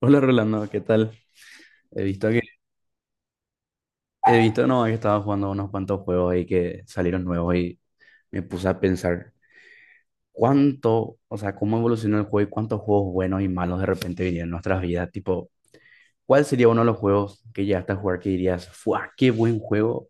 Hola Rolando, ¿qué tal? He visto que he visto, no, que estaba jugando unos cuantos juegos ahí que salieron nuevos y me puse a pensar o sea, cómo evolucionó el juego y cuántos juegos buenos y malos de repente vinieron en nuestras vidas. Tipo, ¿cuál sería uno de los juegos que llegaste a jugar que dirías, ¡fua! ¡Qué buen juego!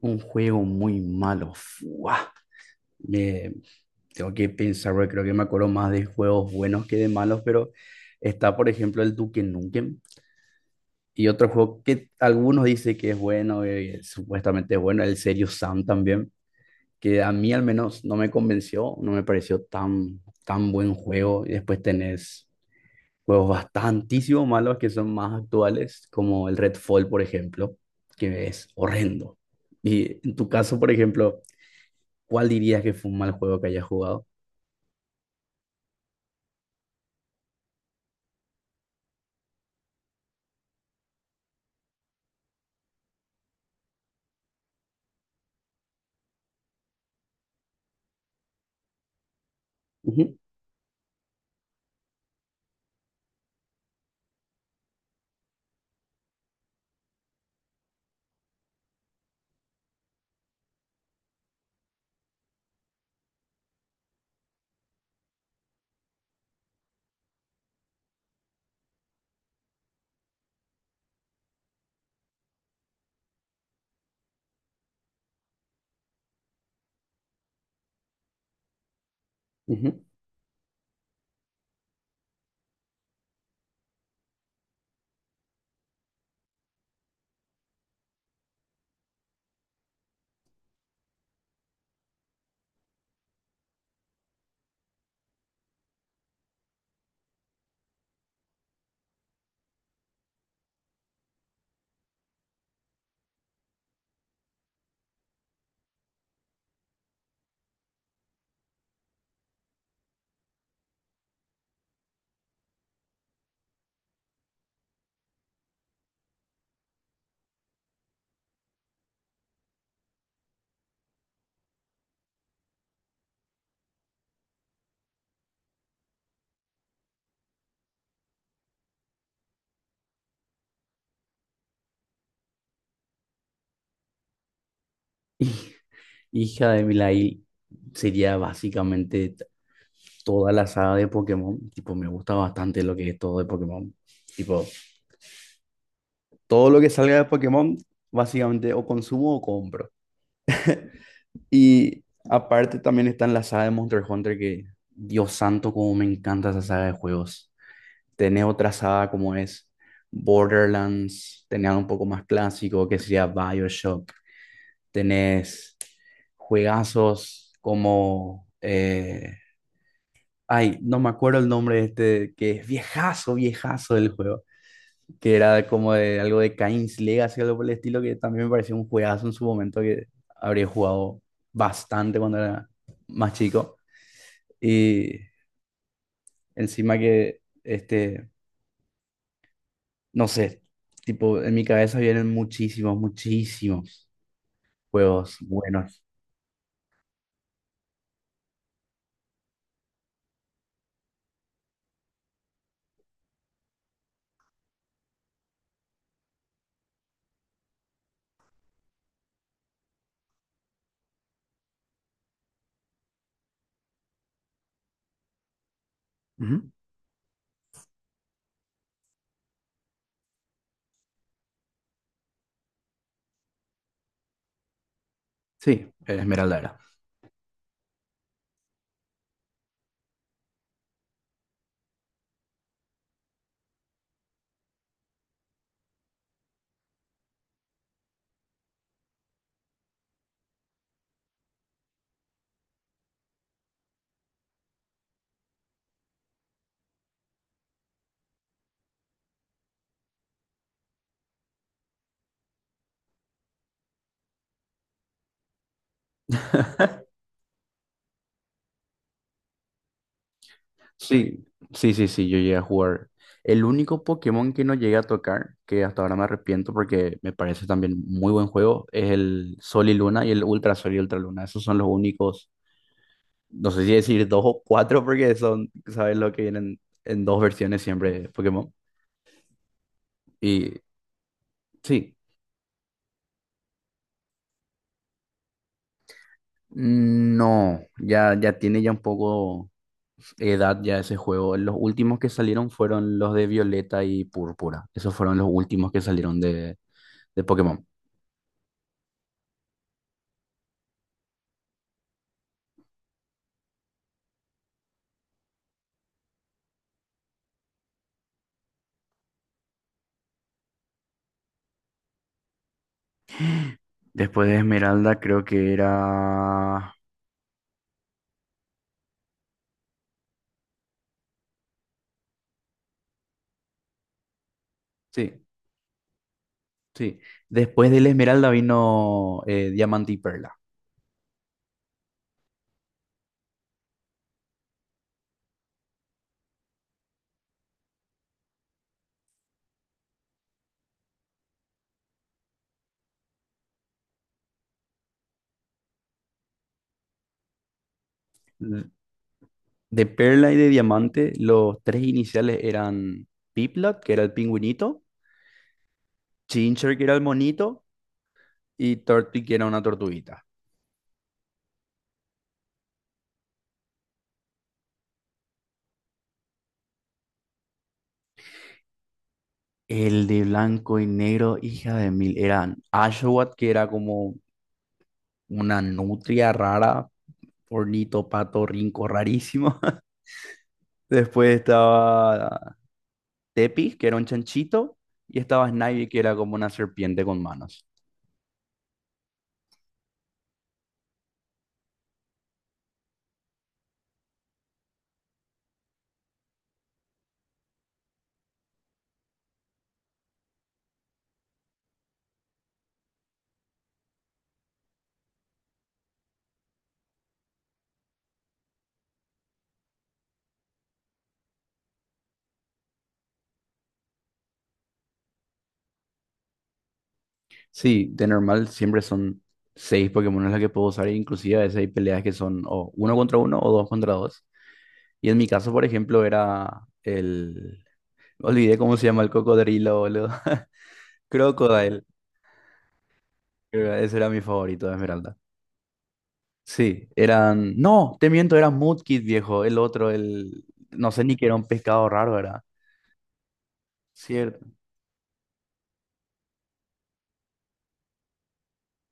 Un juego muy malo, ¡fua! Me- tengo que pensar, porque creo que me acuerdo más de juegos buenos que de malos, pero está, por ejemplo, el Duke Nukem. Y otro juego que algunos dicen que es bueno, supuestamente es bueno, el Serious Sam también, que a mí al menos no me convenció, no me pareció tan buen juego. Y después tenés juegos bastantísimo malos que son más actuales, como el Redfall, por ejemplo, que es horrendo. Y en tu caso, por ejemplo, ¿cuál dirías que fue un mal juego que hayas jugado? Ujú, ujú. Hij- Hija de Milail sería básicamente toda la saga de Pokémon. Tipo, me gusta bastante lo que es todo de Pokémon. Tipo, todo lo que salga de Pokémon, básicamente o consumo o compro. Y aparte también está en la saga de Monster Hunter, que Dios santo, como me encanta esa saga de juegos. Tenés otra saga como es Borderlands, tenés algo un poco más clásico, que sería BioShock. Tenés juegazos como... ay, no me acuerdo el nombre de este, que es viejazo, viejazo del juego, que era como de algo de Cain's Legacy, algo por el estilo, que también me pareció un juegazo en su momento que habría jugado bastante cuando era más chico. Y encima que, este, no sé, tipo, en mi cabeza vienen muchísimos, muchísimos juegos buenos. Ujú. Sí, Esmeralda era. Sí, sí, sí, sí, yo llegué a jugar. El único Pokémon que no llegué a tocar, que hasta ahora me arrepiento porque me parece también muy buen juego, es el Sol y Luna y el Ultra Sol y Ultra Luna. Esos son los únicos, no sé si decir dos o cuatro, porque son, ¿sabes lo que vienen en dos versiones siempre de Pokémon? Y sí, no, ya tiene ya un poco edad ya ese juego. Los últimos que salieron fueron los de Violeta y Púrpura. Esos fueron los últimos que salieron de Pokémon. Después de Esmeralda creo que era... Sí, sí. Después del Esmeralda vino Diamante y Perla. De de Perla y de Diamante, los tres iniciales eran Piplat, que era el pingüinito, Chincher, que era el monito, y Tortwig, que era una tortuguita. El de blanco y negro, hija de mil, eran Ashwat, que era como una nutria rara, ornito, pato, rinco, rarísimo. Después estaba Tepi, que era un chanchito, y estaba Snivy, que era como una serpiente con manos. Sí, de normal siempre son seis Pokémon las que puedo usar, e inclusive a veces hay peleas que son o uno contra uno o dos contra dos. Y en mi caso, por ejemplo, era el... Olvidé cómo se llama el cocodrilo, boludo. Crocodile. Creo que ese era mi favorito de Esmeralda. Sí, eran... No, te miento, era Mudkip, viejo. El otro, el... No sé ni que era un pescado raro, era. Cierto.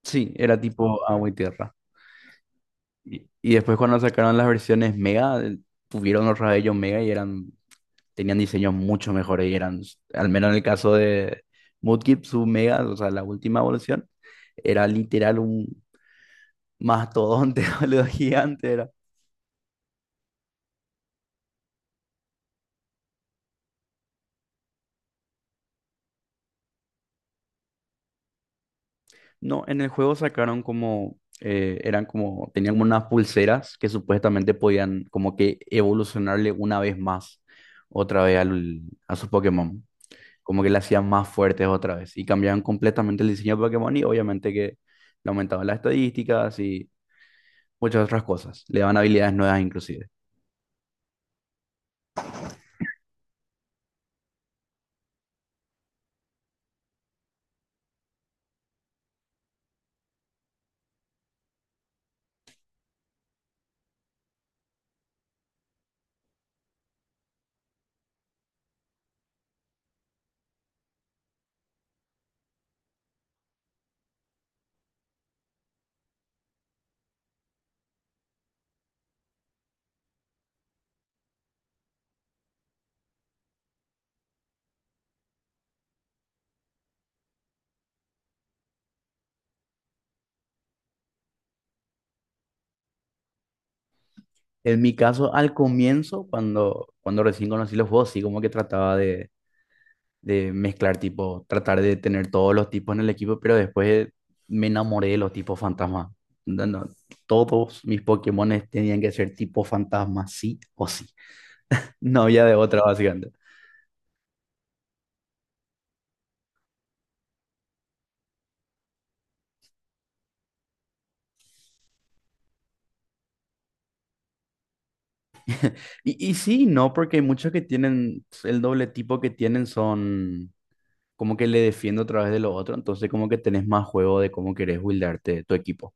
Sí, era tipo agua y tierra. Y después cuando sacaron las versiones Mega, tuvieron los rayos Mega y eran, tenían diseños mucho mejores y eran, al menos en el caso de Mudkip, su Mega, o sea, la última evolución, era literal un mastodonte, boludo, gigante era. No, en el juego sacaron como, eran como, tenían como unas pulseras que supuestamente podían como que evolucionarle una vez más, otra vez a su Pokémon. Como que le hacían más fuertes otra vez y cambiaban completamente el diseño de Pokémon y obviamente que le aumentaban las estadísticas y muchas otras cosas, le daban habilidades nuevas inclusive. En mi caso, al comienzo, cuando recién conocí los juegos, sí como que trataba de mezclar tipo, tratar de tener todos los tipos en el equipo, pero después me enamoré de los tipos fantasma. No, no, todos mis Pokémones tenían que ser tipo fantasma, sí o sí. No había de otra, básicamente. Y sí, y no, porque hay muchos que tienen, pues, el doble tipo que tienen son como que le defiendo a través de lo otro, entonces como que tenés más juego de cómo querés buildarte tu equipo.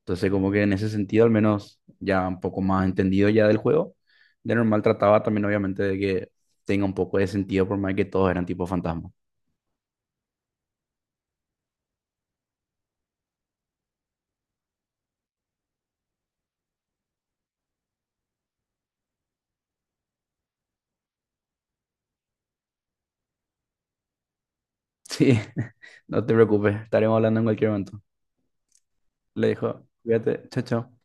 Entonces como que en ese sentido al menos ya un poco más entendido ya del juego. De normal trataba también obviamente de que tenga un poco de sentido por más que todos eran tipo fantasma. Sí, no te preocupes, estaremos hablando en cualquier momento. Le dijo, cuídate, chao, chao.